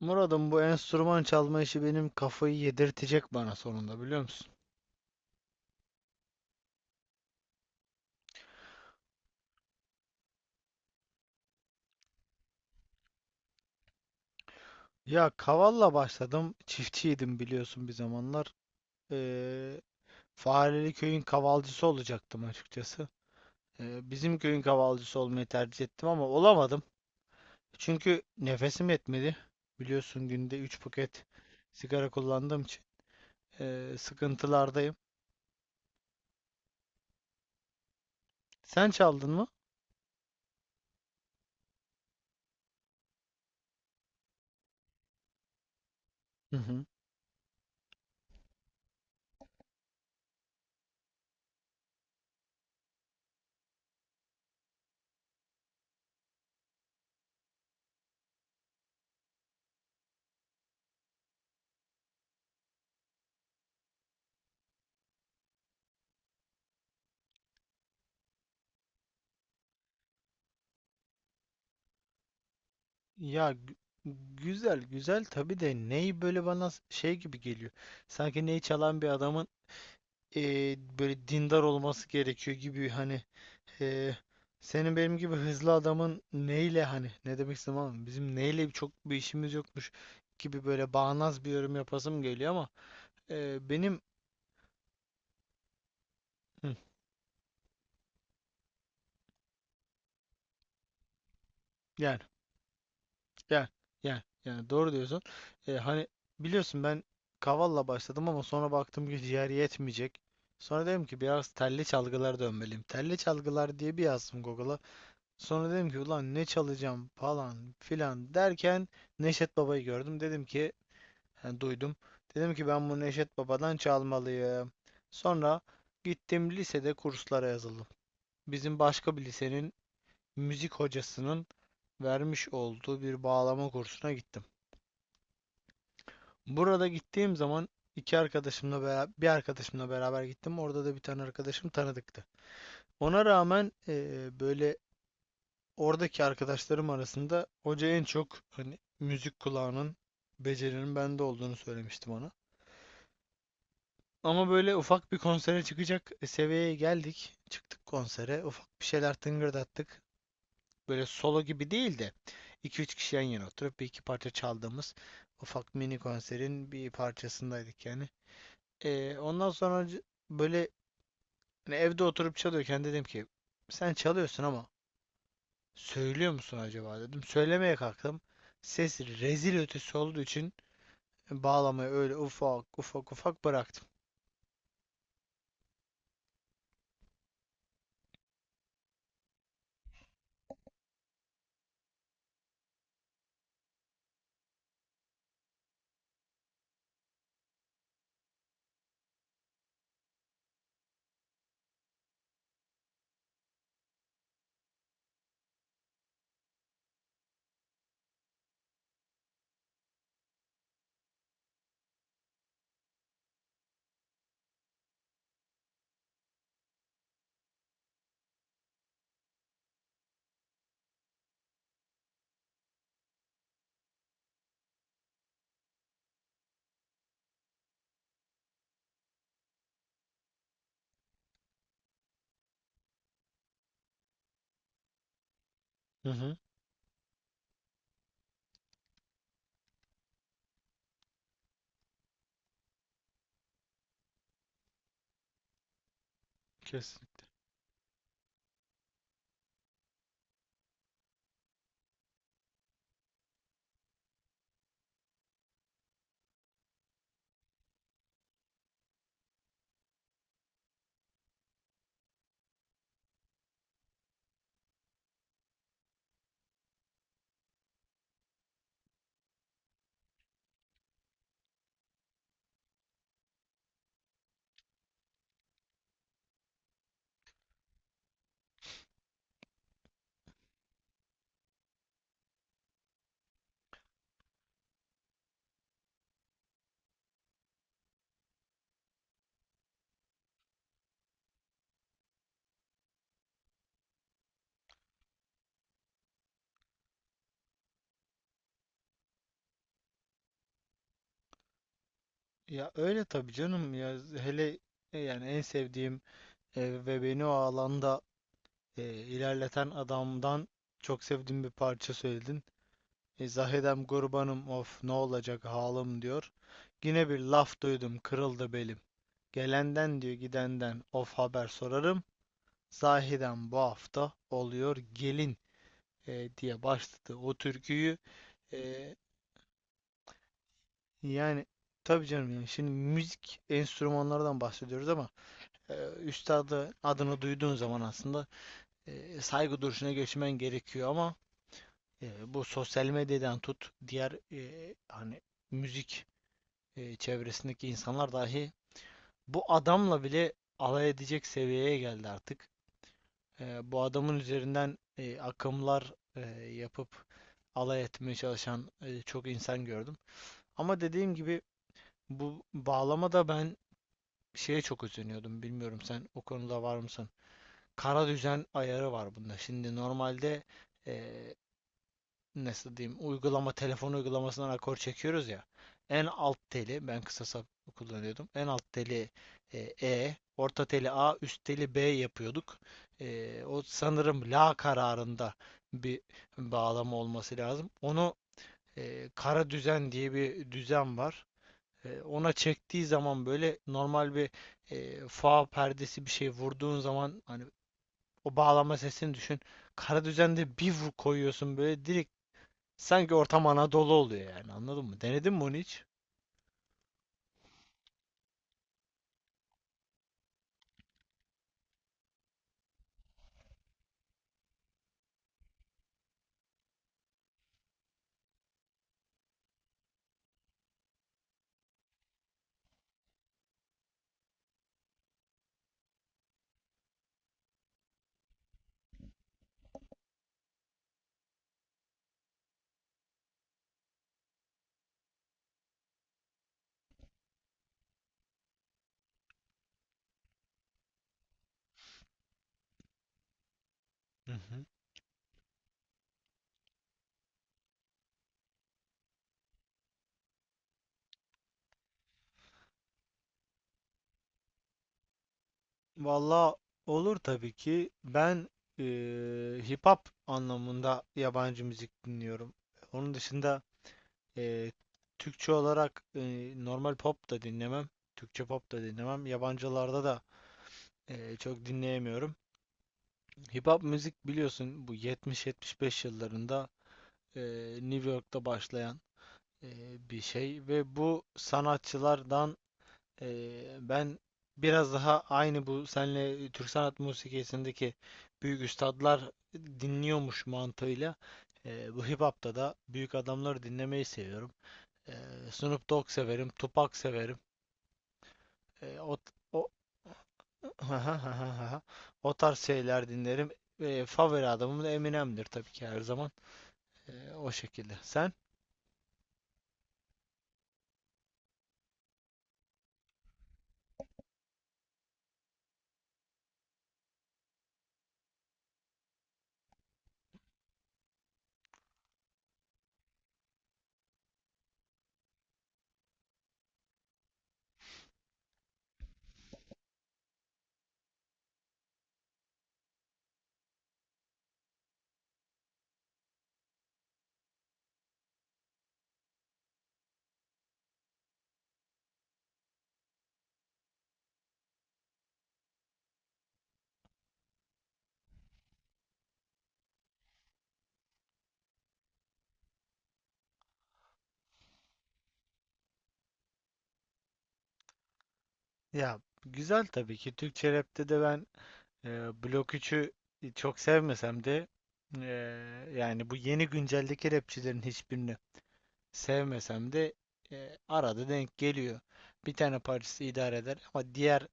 Murat'ım, bu enstrüman çalma işi benim kafayı yedirtecek bana sonunda, biliyor musun? Ya kavalla başladım. Çiftçiydim, biliyorsun, bir zamanlar. Ee, Fareli köyün kavalcısı olacaktım açıkçası. Bizim köyün kavalcısı olmayı tercih ettim ama olamadım. Çünkü nefesim yetmedi. Biliyorsun günde 3 paket sigara kullandığım için sıkıntılardayım. Sen çaldın mı? Hı hı. Ya güzel güzel tabii de ney böyle bana şey gibi geliyor. Sanki ney çalan bir adamın böyle dindar olması gerekiyor gibi, hani. eee, Senin benim gibi hızlı adamın neyle, hani ne demek istedim, ama bizim neyle çok bir işimiz yokmuş gibi böyle bağnaz bir yorum yapasım geliyor ama benim. Hı. Yani, yani, yani, yani doğru diyorsun. Hani biliyorsun, ben kavalla başladım ama sonra baktım ki ciğer yetmeyecek. Sonra dedim ki biraz telli çalgılar dönmeliyim. Telli çalgılar diye bir yazdım Google'a. Sonra dedim ki ulan ne çalacağım falan filan derken Neşet Baba'yı gördüm. Dedim ki, yani duydum. Dedim ki ben bu Neşet Baba'dan çalmalıyım. Sonra gittim lisede kurslara yazıldım. Bizim başka bir lisenin müzik hocasının vermiş olduğu bir bağlama kursuna gittim. Burada gittiğim zaman iki arkadaşımla beraber, bir arkadaşımla beraber gittim. Orada da bir tane arkadaşım tanıdıktı. Ona rağmen böyle, oradaki arkadaşlarım arasında hoca en çok, hani müzik kulağının, becerinin bende olduğunu söylemiştim ona. Ama böyle ufak bir konsere çıkacak seviyeye geldik. Çıktık konsere. Ufak bir şeyler tıngırdattık. Böyle solo gibi değil de 2-3 kişi yan yana oturup bir iki parça çaldığımız ufak, mini konserin bir parçasındaydık yani. Ondan sonra böyle, hani evde oturup çalıyorken dedim ki sen çalıyorsun ama söylüyor musun acaba, dedim. Söylemeye kalktım. Ses rezil ötesi olduğu için bağlamayı öyle ufak ufak ufak bıraktım. Hı hı, kesin. Ya öyle tabii canım, ya hele yani en sevdiğim ve beni o alanda ilerleten adamdan çok sevdiğim bir parça söyledin. Zahidem Gurbanım, of, ne olacak halim, diyor. Yine bir laf duydum, kırıldı belim. Gelenden, diyor, gidenden of haber sorarım. Zahiren bu hafta oluyor gelin, diye başladı o türküyü. E, Yani tabii canım, yani şimdi müzik enstrümanlardan bahsediyoruz ama e, üstadı adını duyduğun zaman aslında saygı duruşuna geçmen gerekiyor ama bu sosyal medyadan tut, diğer hani müzik çevresindeki insanlar dahi bu adamla bile alay edecek seviyeye geldi artık. Bu adamın üzerinden akımlar yapıp alay etmeye çalışan çok insan gördüm. Ama dediğim gibi bu bağlamada ben şeye çok üzülüyordum. Bilmiyorum, sen o konuda var mısın? Kara düzen ayarı var bunda. Şimdi normalde, e, nasıl diyeyim, uygulama, telefon uygulamasından akor çekiyoruz ya. En alt teli ben kısa sap kullanıyordum. En alt teli E, orta teli A, üst teli B yapıyorduk. O sanırım la kararında bir bağlama olması lazım. Onu, kara düzen diye bir düzen var. Ona çektiği zaman böyle normal bir fa perdesi, bir şey vurduğun zaman hani o bağlama sesini düşün. Kara düzende bir vur koyuyorsun böyle direkt. Sanki ortam Anadolu oluyor yani, anladın mı? Denedin mi onu hiç? Hı hı. Valla, olur tabii ki. Ben hip hop anlamında yabancı müzik dinliyorum. Onun dışında eee, Türkçe olarak normal pop da dinlemem. Türkçe pop da dinlemem. Yabancılarda da çok dinleyemiyorum. Hip hop müzik, biliyorsun, bu 70-75 yıllarında New York'ta başlayan bir şey, ve bu sanatçılardan. Ben biraz daha, aynı bu senle Türk sanat musikisindeki büyük üstadlar dinliyormuş mantığıyla, bu hip hop'ta da büyük adamları dinlemeyi seviyorum. Ee, Snoop Dogg severim, Tupac severim. Ee, o, o, O tarz şeyler dinlerim. Favori adamım da Eminem'dir tabii ki her zaman. O şekilde. Sen? Ya, güzel tabii ki. Türkçe rapte de ben, Blok 3'ü çok sevmesem de, yani bu yeni günceldeki rapçilerin hiçbirini sevmesem de, arada denk geliyor. Bir tane parçası idare eder ama diğer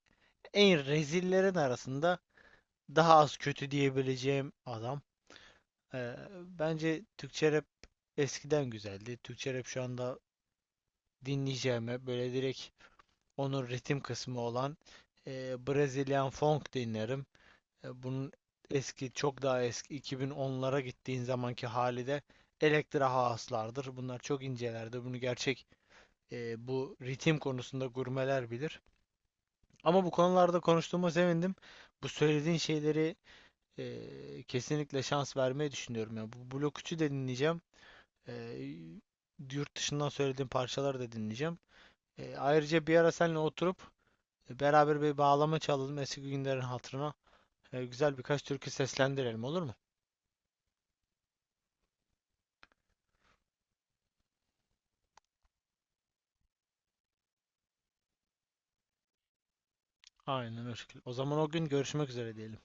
en rezillerin arasında daha az kötü diyebileceğim adam. Ee, Bence Türkçe rap eskiden güzeldi. Türkçe rap şu anda dinleyeceğime böyle direkt onun ritim kısmı olan Brazilian Funk dinlerim. Bunun eski, çok daha eski 2010'lara gittiğin zamanki hali de Elektra haaslardır. Bunlar çok incelerdi. Bunu gerçek, bu ritim konusunda gurmeler bilir. Ama bu konularda konuştuğuma sevindim. Bu söylediğin şeyleri kesinlikle şans vermeyi düşünüyorum. Yani bu Blok 3'ü de dinleyeceğim. E, Yurt dışından söylediğim parçaları da dinleyeceğim. Ayrıca bir ara seninle oturup beraber bir bağlama çalalım eski günlerin hatırına. Güzel birkaç türkü seslendirelim, olur mu? Aynen öyle. O zaman o gün görüşmek üzere diyelim.